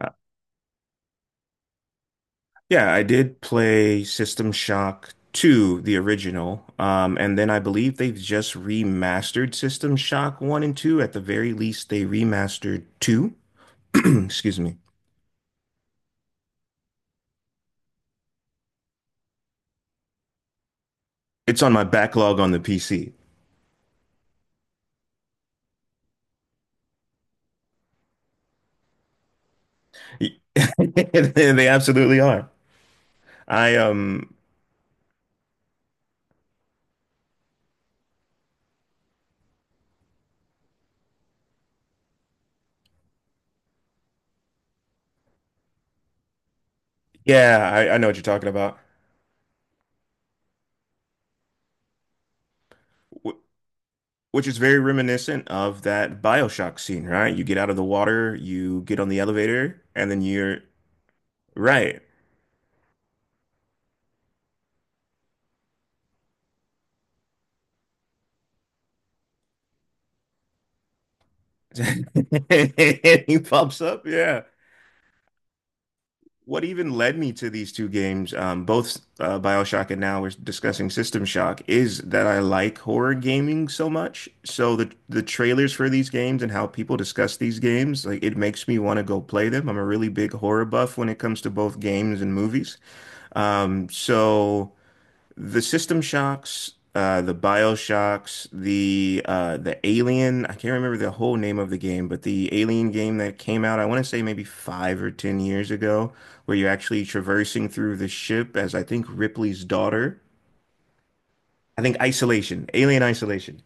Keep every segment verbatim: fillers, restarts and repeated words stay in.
Uh, Yeah, I did play System Shock two, the original. Um, and then I believe they've just remastered System Shock one and two. At the very least, they remastered two. Excuse me. It's on my backlog on the P C. They absolutely are. I um yeah, I, I know what you're talking about. Wh- Which is very reminiscent of that BioShock scene, right? You get out of the water, you get on the elevator, and then you're right. He pops up. Yeah. What even led me to these two games, um, both uh, BioShock and now we're discussing System Shock, is that I like horror gaming so much. So the the trailers for these games and how people discuss these games, like it makes me want to go play them. I'm a really big horror buff when it comes to both games and movies. Um, so the System Shocks, uh, the BioShocks, the uh, the Alien. I can't remember the whole name of the game, but the Alien game that came out, I want to say maybe five or ten years ago, where you're actually traversing through the ship as I think Ripley's daughter. I think Isolation, Alien Isolation.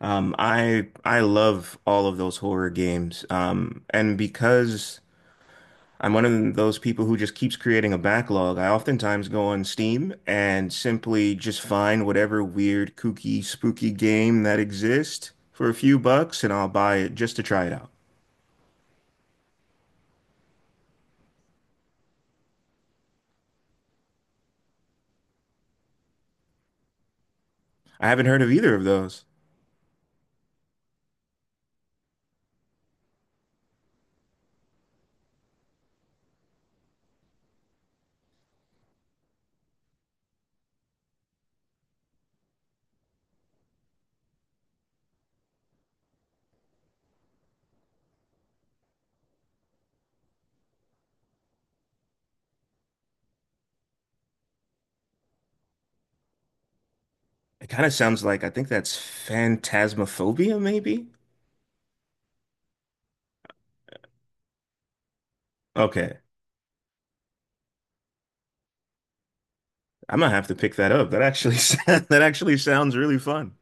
Um, I I love all of those horror games, um, and because I'm one of those people who just keeps creating a backlog. I oftentimes go on Steam and simply just find whatever weird, kooky, spooky game that exists for a few bucks and I'll buy it just to try it out. I haven't heard of either of those. It kind of sounds like I think that's phantasmophobia, maybe? Okay. I'm gonna have to pick that up. That actually that actually sounds really fun.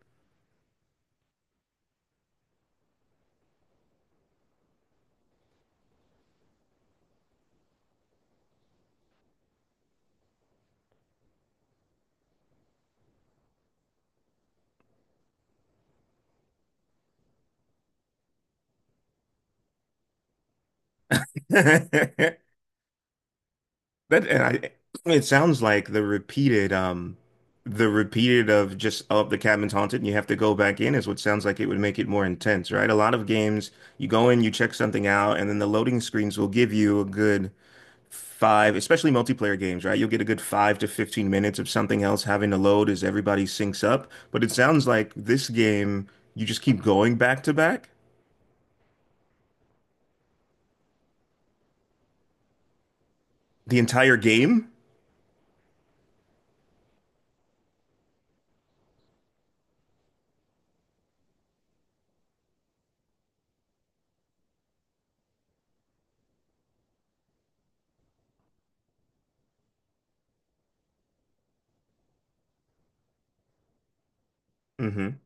That and I, it sounds like the repeated, um, the repeated of just oh the cabin's haunted and you have to go back in is what sounds like it would make it more intense, right? A lot of games, you go in, you check something out, and then the loading screens will give you a good five, especially multiplayer games, right? You'll get a good five to fifteen minutes of something else having to load as everybody syncs up. But it sounds like this game, you just keep going back to back the entire game. Mm-hmm.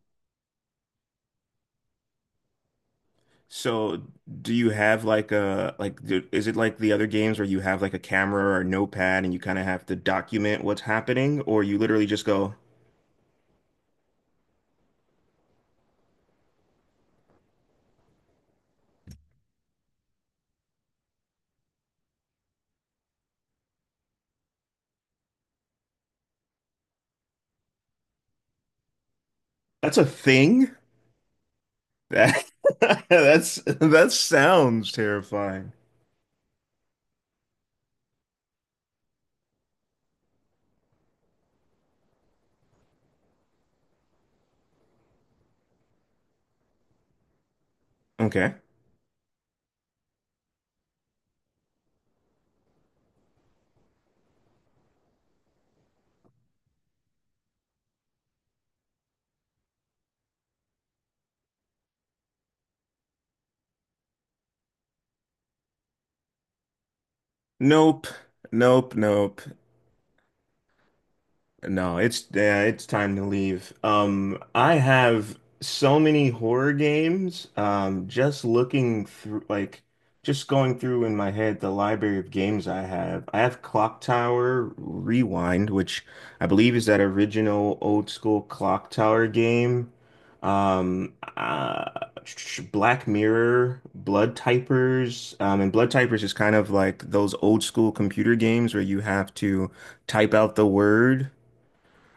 So, do you have like a like do, is it like the other games where you have like a camera or a notepad and you kind of have to document what's happening, or you literally just go, "That's a thing? That that's that sounds terrifying." Okay. Nope. Nope. Nope. No, it's yeah, it's time to leave. Um, I have so many horror games. Um, just looking through, like, just going through in my head the library of games I have. I have Clock Tower Rewind, which I believe is that original old school Clock Tower game. Um, uh, Black Mirror, Blood Typers, um, and Blood Typers is kind of like those old school computer games where you have to type out the word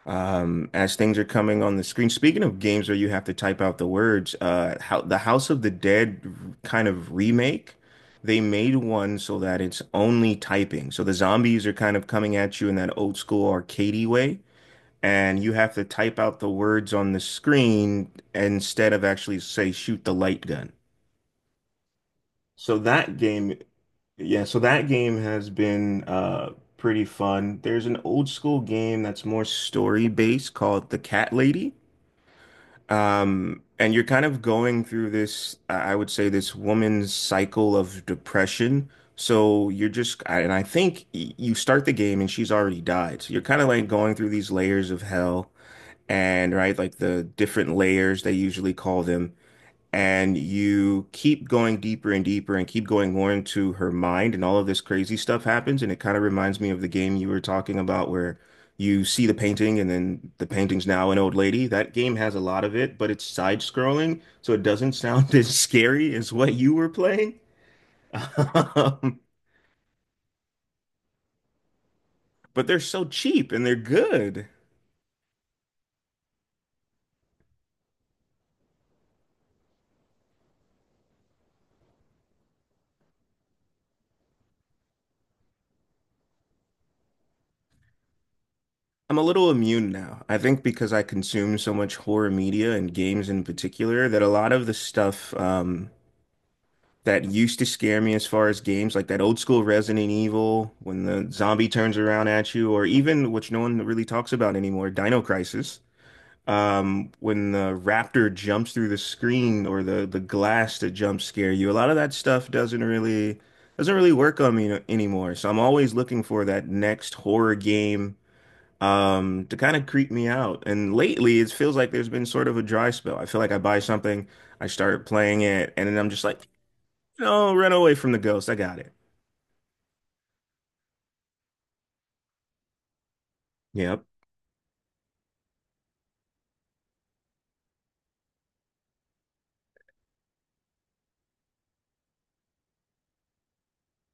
um, as things are coming on the screen. Speaking of games where you have to type out the words, uh, how the House of the Dead kind of remake, they made one so that it's only typing. So the zombies are kind of coming at you in that old school arcadey way, and you have to type out the words on the screen instead of actually say shoot the light gun. So that game, yeah, so that game has been uh pretty fun. There's an old school game that's more story based called The Cat Lady. Um, and you're kind of going through this, I I would say, this woman's cycle of depression. So you're just, I- and I think y- you start the game and she's already died. So you're kind of like going through these layers of hell and right, like the different layers they usually call them, and you keep going deeper and deeper and keep going more into her mind and all of this crazy stuff happens and it kind of reminds me of the game you were talking about where you see the painting and then the painting's now an old lady. That game has a lot of it, but it's side scrolling, so it doesn't sound as scary as what you were playing. Um, but they're so cheap and they're good. I'm a little immune now. I think because I consume so much horror media and games in particular that a lot of the stuff um that used to scare me as far as games, like that old school Resident Evil when the zombie turns around at you, or even which no one really talks about anymore, Dino Crisis. Um, when the raptor jumps through the screen or the the glass to jump scare you, a lot of that stuff doesn't really doesn't really work on me anymore. So I'm always looking for that next horror game um to kind of creep me out. And lately, it feels like there's been sort of a dry spell. I feel like I buy something, I start playing it, and then I'm just like, no, Run Away from the Ghost. I got it. Yep.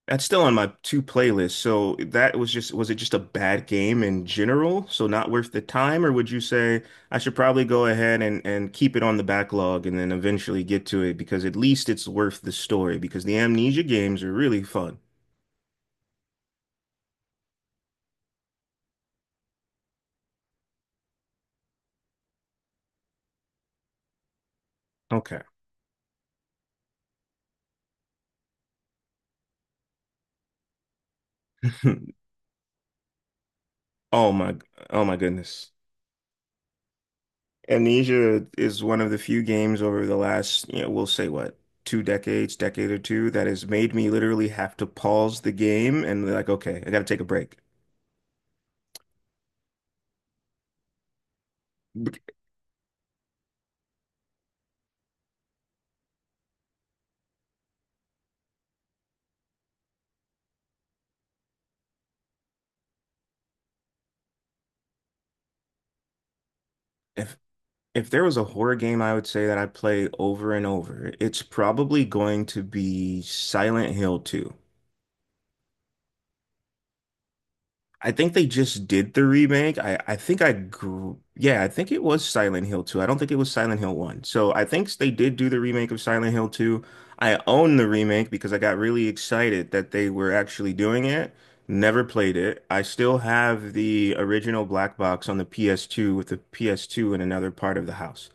That's still on my two playlists. So that was just, was it just a bad game in general? So not worth the time, or would you say I should probably go ahead and, and keep it on the backlog and then eventually get to it because at least it's worth the story because the Amnesia games are really fun. Okay. Oh my, oh my goodness. Amnesia is one of the few games over the last, you know, we'll say what, two decades, decade or two, that has made me literally have to pause the game and be like, okay, I gotta take a break. If if there was a horror game I would say that I play over and over, it's probably going to be Silent Hill two. I think they just did the remake. I, I think I grew, yeah, I think it was Silent Hill two. I don't think it was Silent Hill one. So I think they did do the remake of Silent Hill two. I own the remake because I got really excited that they were actually doing it. Never played it. I still have the original black box on the P S two with the P S two in another part of the house.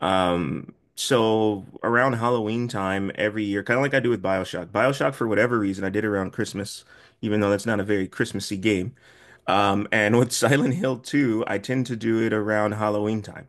Um, so around Halloween time every year, kind of like I do with BioShock. BioShock, for whatever reason, I did around Christmas, even though that's not a very Christmassy game. Um, and with Silent Hill two, I tend to do it around Halloween time.